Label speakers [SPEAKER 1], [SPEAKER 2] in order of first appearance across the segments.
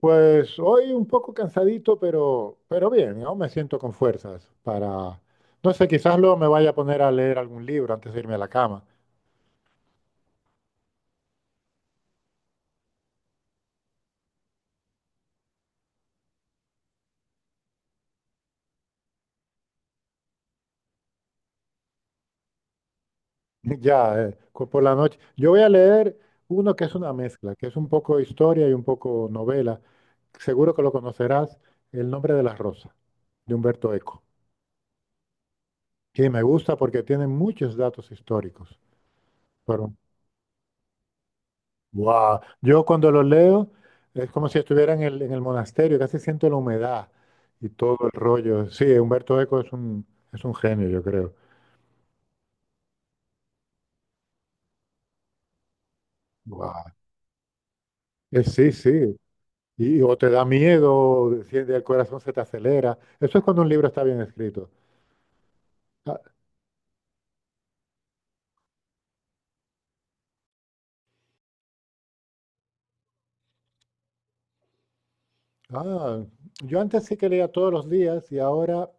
[SPEAKER 1] Pues hoy un poco cansadito, pero bien, aún me siento con fuerzas para, no sé, quizás luego me vaya a poner a leer algún libro antes de irme a la cama. Ya, por la noche. Yo voy a leer uno que es una mezcla, que es un poco historia y un poco novela. Seguro que lo conocerás, El nombre de la rosa, de Humberto Eco. Y me gusta porque tiene muchos datos históricos. Wow. Yo cuando los leo es como si estuviera en el monasterio, casi siento la humedad y todo el rollo. Sí, Humberto Eco es un genio, yo creo. Wow. Sí, sí. Y, o te da miedo, si el corazón se te acelera. Eso es cuando un libro está bien escrito. Ah. Ah, yo antes sí que leía todos los días y ahora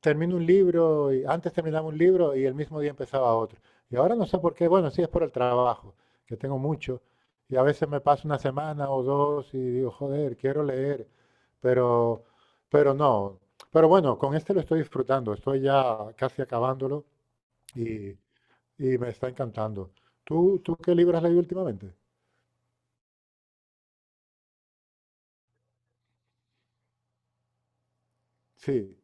[SPEAKER 1] termino un libro y antes terminaba un libro y el mismo día empezaba otro. Y ahora no sé por qué, bueno, sí es por el trabajo, que tengo mucho y a veces me paso una semana o dos y digo, joder, quiero leer, pero pero no. Pero bueno, con este lo estoy disfrutando, estoy ya casi acabándolo y, y me está encantando. ¿Tú qué libro has leído últimamente? Sí,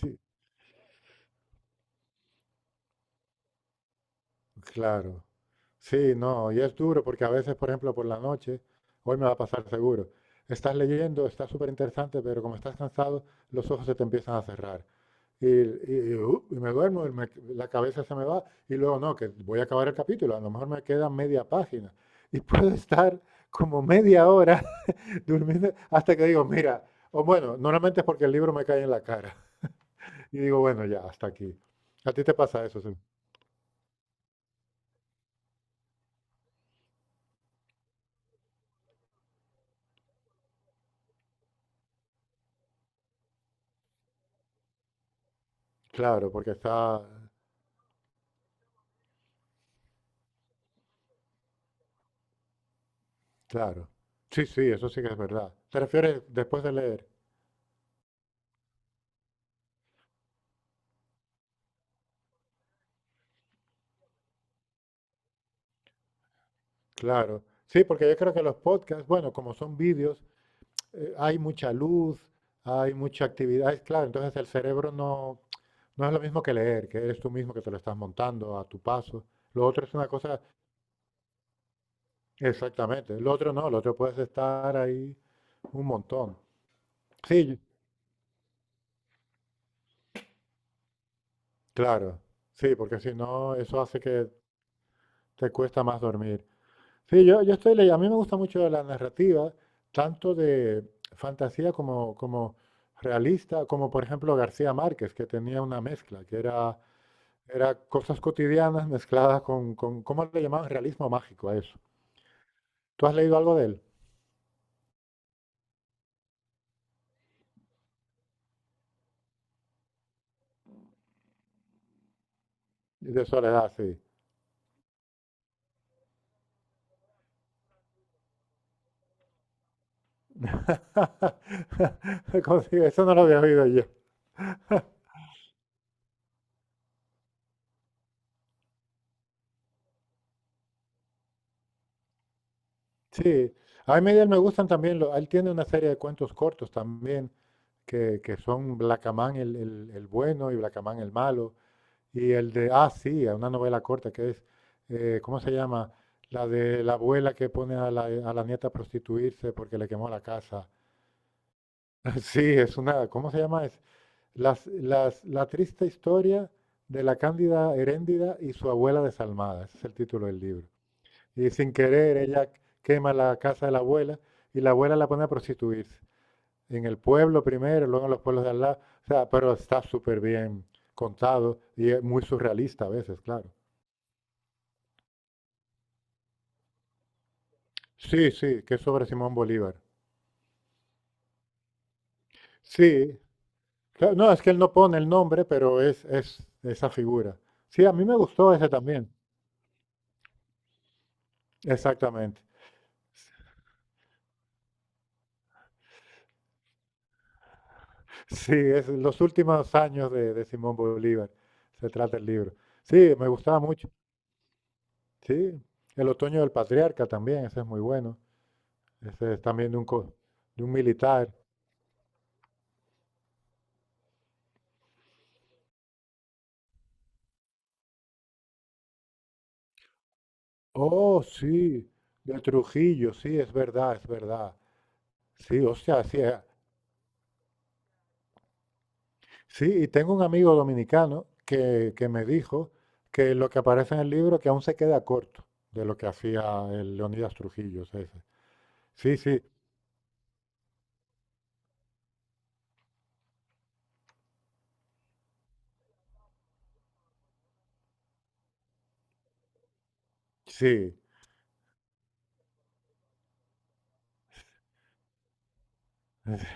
[SPEAKER 1] sí. Claro. Sí, no, y es duro porque a veces, por ejemplo, por la noche, hoy me va a pasar seguro, estás leyendo, está súper interesante, pero como estás cansado, los ojos se te empiezan a cerrar. Y me duermo, la cabeza se me va, y luego no, que voy a acabar el capítulo, a lo mejor me queda media página. Y puedo estar como media hora durmiendo hasta que digo, mira, o bueno, normalmente es porque el libro me cae en la cara. Y digo, bueno, ya, hasta aquí. ¿A ti te pasa eso? ¿Sí? Claro, porque está... Claro. Sí, sí, eso sí que es verdad. ¿Te refieres después de leer? Claro. Sí, porque yo creo que los podcasts, bueno, como son vídeos, hay mucha luz, hay mucha actividad, es claro, entonces el cerebro no es lo mismo que leer, que eres tú mismo que te lo estás montando a tu paso. Lo otro es una cosa, exactamente. Lo otro no, lo otro puedes estar ahí un montón. Sí, claro. Sí, porque si no, eso hace que te cuesta más dormir. Sí, yo estoy leyendo. A mí me gusta mucho la narrativa, tanto de fantasía como realista, como por ejemplo García Márquez, que tenía una mezcla, era cosas cotidianas mezcladas ¿cómo le llamaban? Realismo mágico a eso. ¿Tú has leído algo de él? De Soledad, sí. Como si... Eso no lo había oído yo. Sí, a mí de él me gustan también, lo- él tiene una serie de cuentos cortos también, que son Blacamán el bueno y Blacamán el malo. Y el de, ah, sí, a una novela corta que es, ¿cómo se llama? La de la abuela que pone a la nieta a prostituirse porque le quemó la casa. Sí, es una, ¿cómo se llama? Es la triste historia de la Cándida Heréndida y su abuela desalmada. Ese es el título del libro. Y sin querer, ella quema la casa de la abuela y la abuela la pone a prostituirse. En el pueblo primero, luego en los pueblos de al lado. O sea, pero está súper bien contado y es muy surrealista a veces, claro. Sí, sí, que es sobre Simón Bolívar. Sí, claro, no, es que él no pone el nombre, pero es esa figura. Sí, a mí me gustó ese también. Exactamente. Sí, es los últimos años de Simón Bolívar. Se trata el libro. Sí, me gustaba mucho. Sí, El otoño del patriarca también, ese es muy bueno. Ese es también de un, de un militar. Oh, sí, de Trujillo, sí, es verdad, es verdad. Sí, o sea, sí, eh. Sí, y tengo un amigo dominicano que me dijo que lo que aparece en el libro que aún se queda corto de lo que hacía el Leonidas Trujillo. Ese. Sí, sí, sí,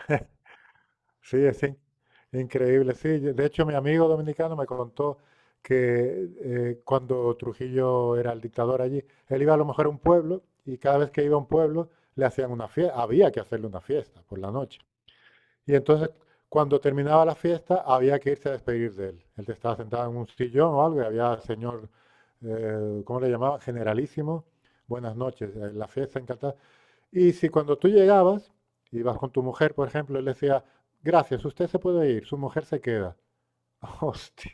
[SPEAKER 1] sí, increíble. Sí, yo- de hecho mi amigo dominicano me contó que cuando Trujillo era el dictador allí, él iba a lo mejor a un pueblo y cada vez que iba a un pueblo le hacían una fiesta, había que hacerle una fiesta por la noche. Y entonces, cuando terminaba la fiesta, había que irse a despedir de él. Él estaba sentado en un sillón o algo, y había el señor, ¿cómo le llamaba? Generalísimo. Buenas noches, la fiesta encantada. Y si cuando tú llegabas, ibas con tu mujer, por ejemplo, él decía, gracias, usted se puede ir, su mujer se queda. Hostia.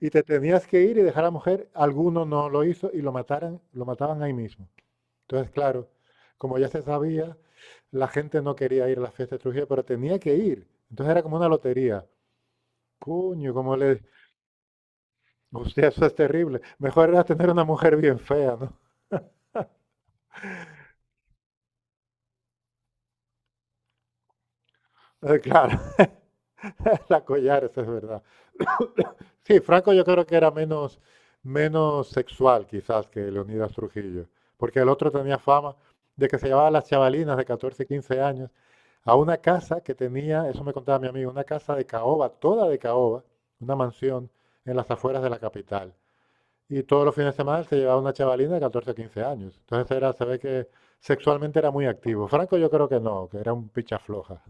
[SPEAKER 1] Y te tenías que ir y dejar a la mujer, alguno no lo hizo y lo mataran, lo mataban ahí mismo. Entonces, claro, como ya se sabía, la gente no quería ir a la fiesta de Trujillo, pero tenía que ir. Entonces era como una lotería. Puño, como le... Usted, eso es terrible. Mejor era tener una mujer bien fea, ¿no? Claro, la collares, es verdad. Sí, Franco yo creo que era menos, menos sexual quizás que Leonidas Trujillo, porque el otro tenía fama de que se llevaba a las chavalinas de 14 15 años a una casa que tenía, eso me contaba mi amigo, una casa de caoba, toda de caoba, una mansión en las afueras de la capital. Y todos los fines de semana se llevaba una chavalina de 14 15 años. Entonces era, se ve que sexualmente era muy activo. Franco yo creo que no, que era un picha floja.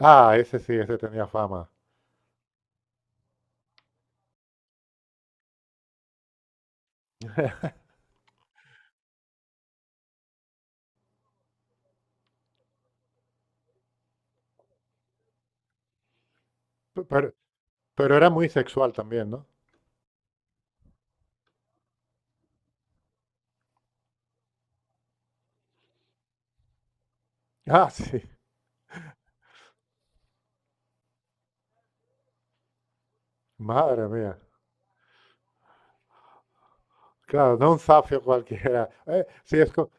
[SPEAKER 1] Ah, ese sí, ese tenía fama. Pe- Pero, pero era muy sexual también, ¿no? Ah, sí. Madre mía. Claro, no un zafio cualquiera.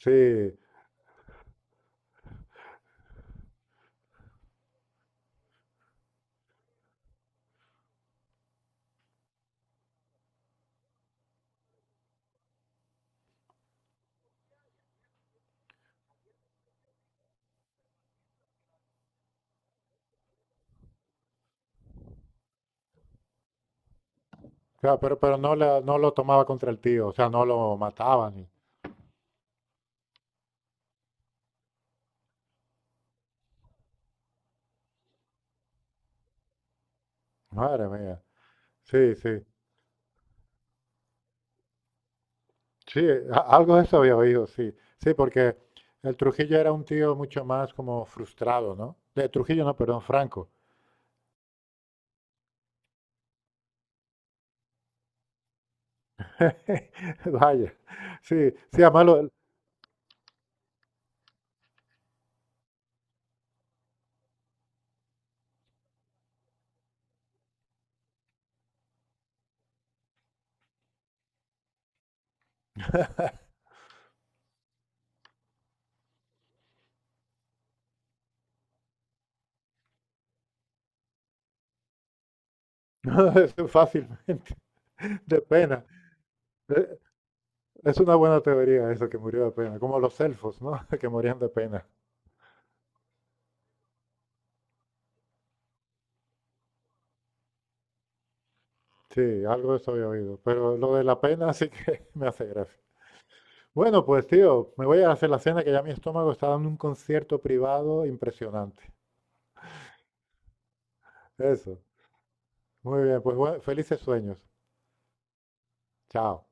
[SPEAKER 1] Sí, claro, pero no, no lo tomaba contra el tío, o sea, no lo mataban. Ni... Madre mía. Sí, sí. Sí, algo de eso había oído, sí. Sí, porque el Trujillo era un tío mucho más como frustrado, ¿no? De Trujillo, no, perdón, Franco. Vaya. Sí, sí, además lo, lo- fácilmente, de pena. Eh, Es una buena teoría eso, que murió de pena, como los elfos, ¿no? Que morían de pena. Sí, algo de eso había oído. Pero lo de la pena sí que me hace gracia. Bueno, pues tío, me voy a hacer la cena que ya mi estómago está dando un concierto privado impresionante. Eso. Muy bien, pues bueno, felices sueños. Chao.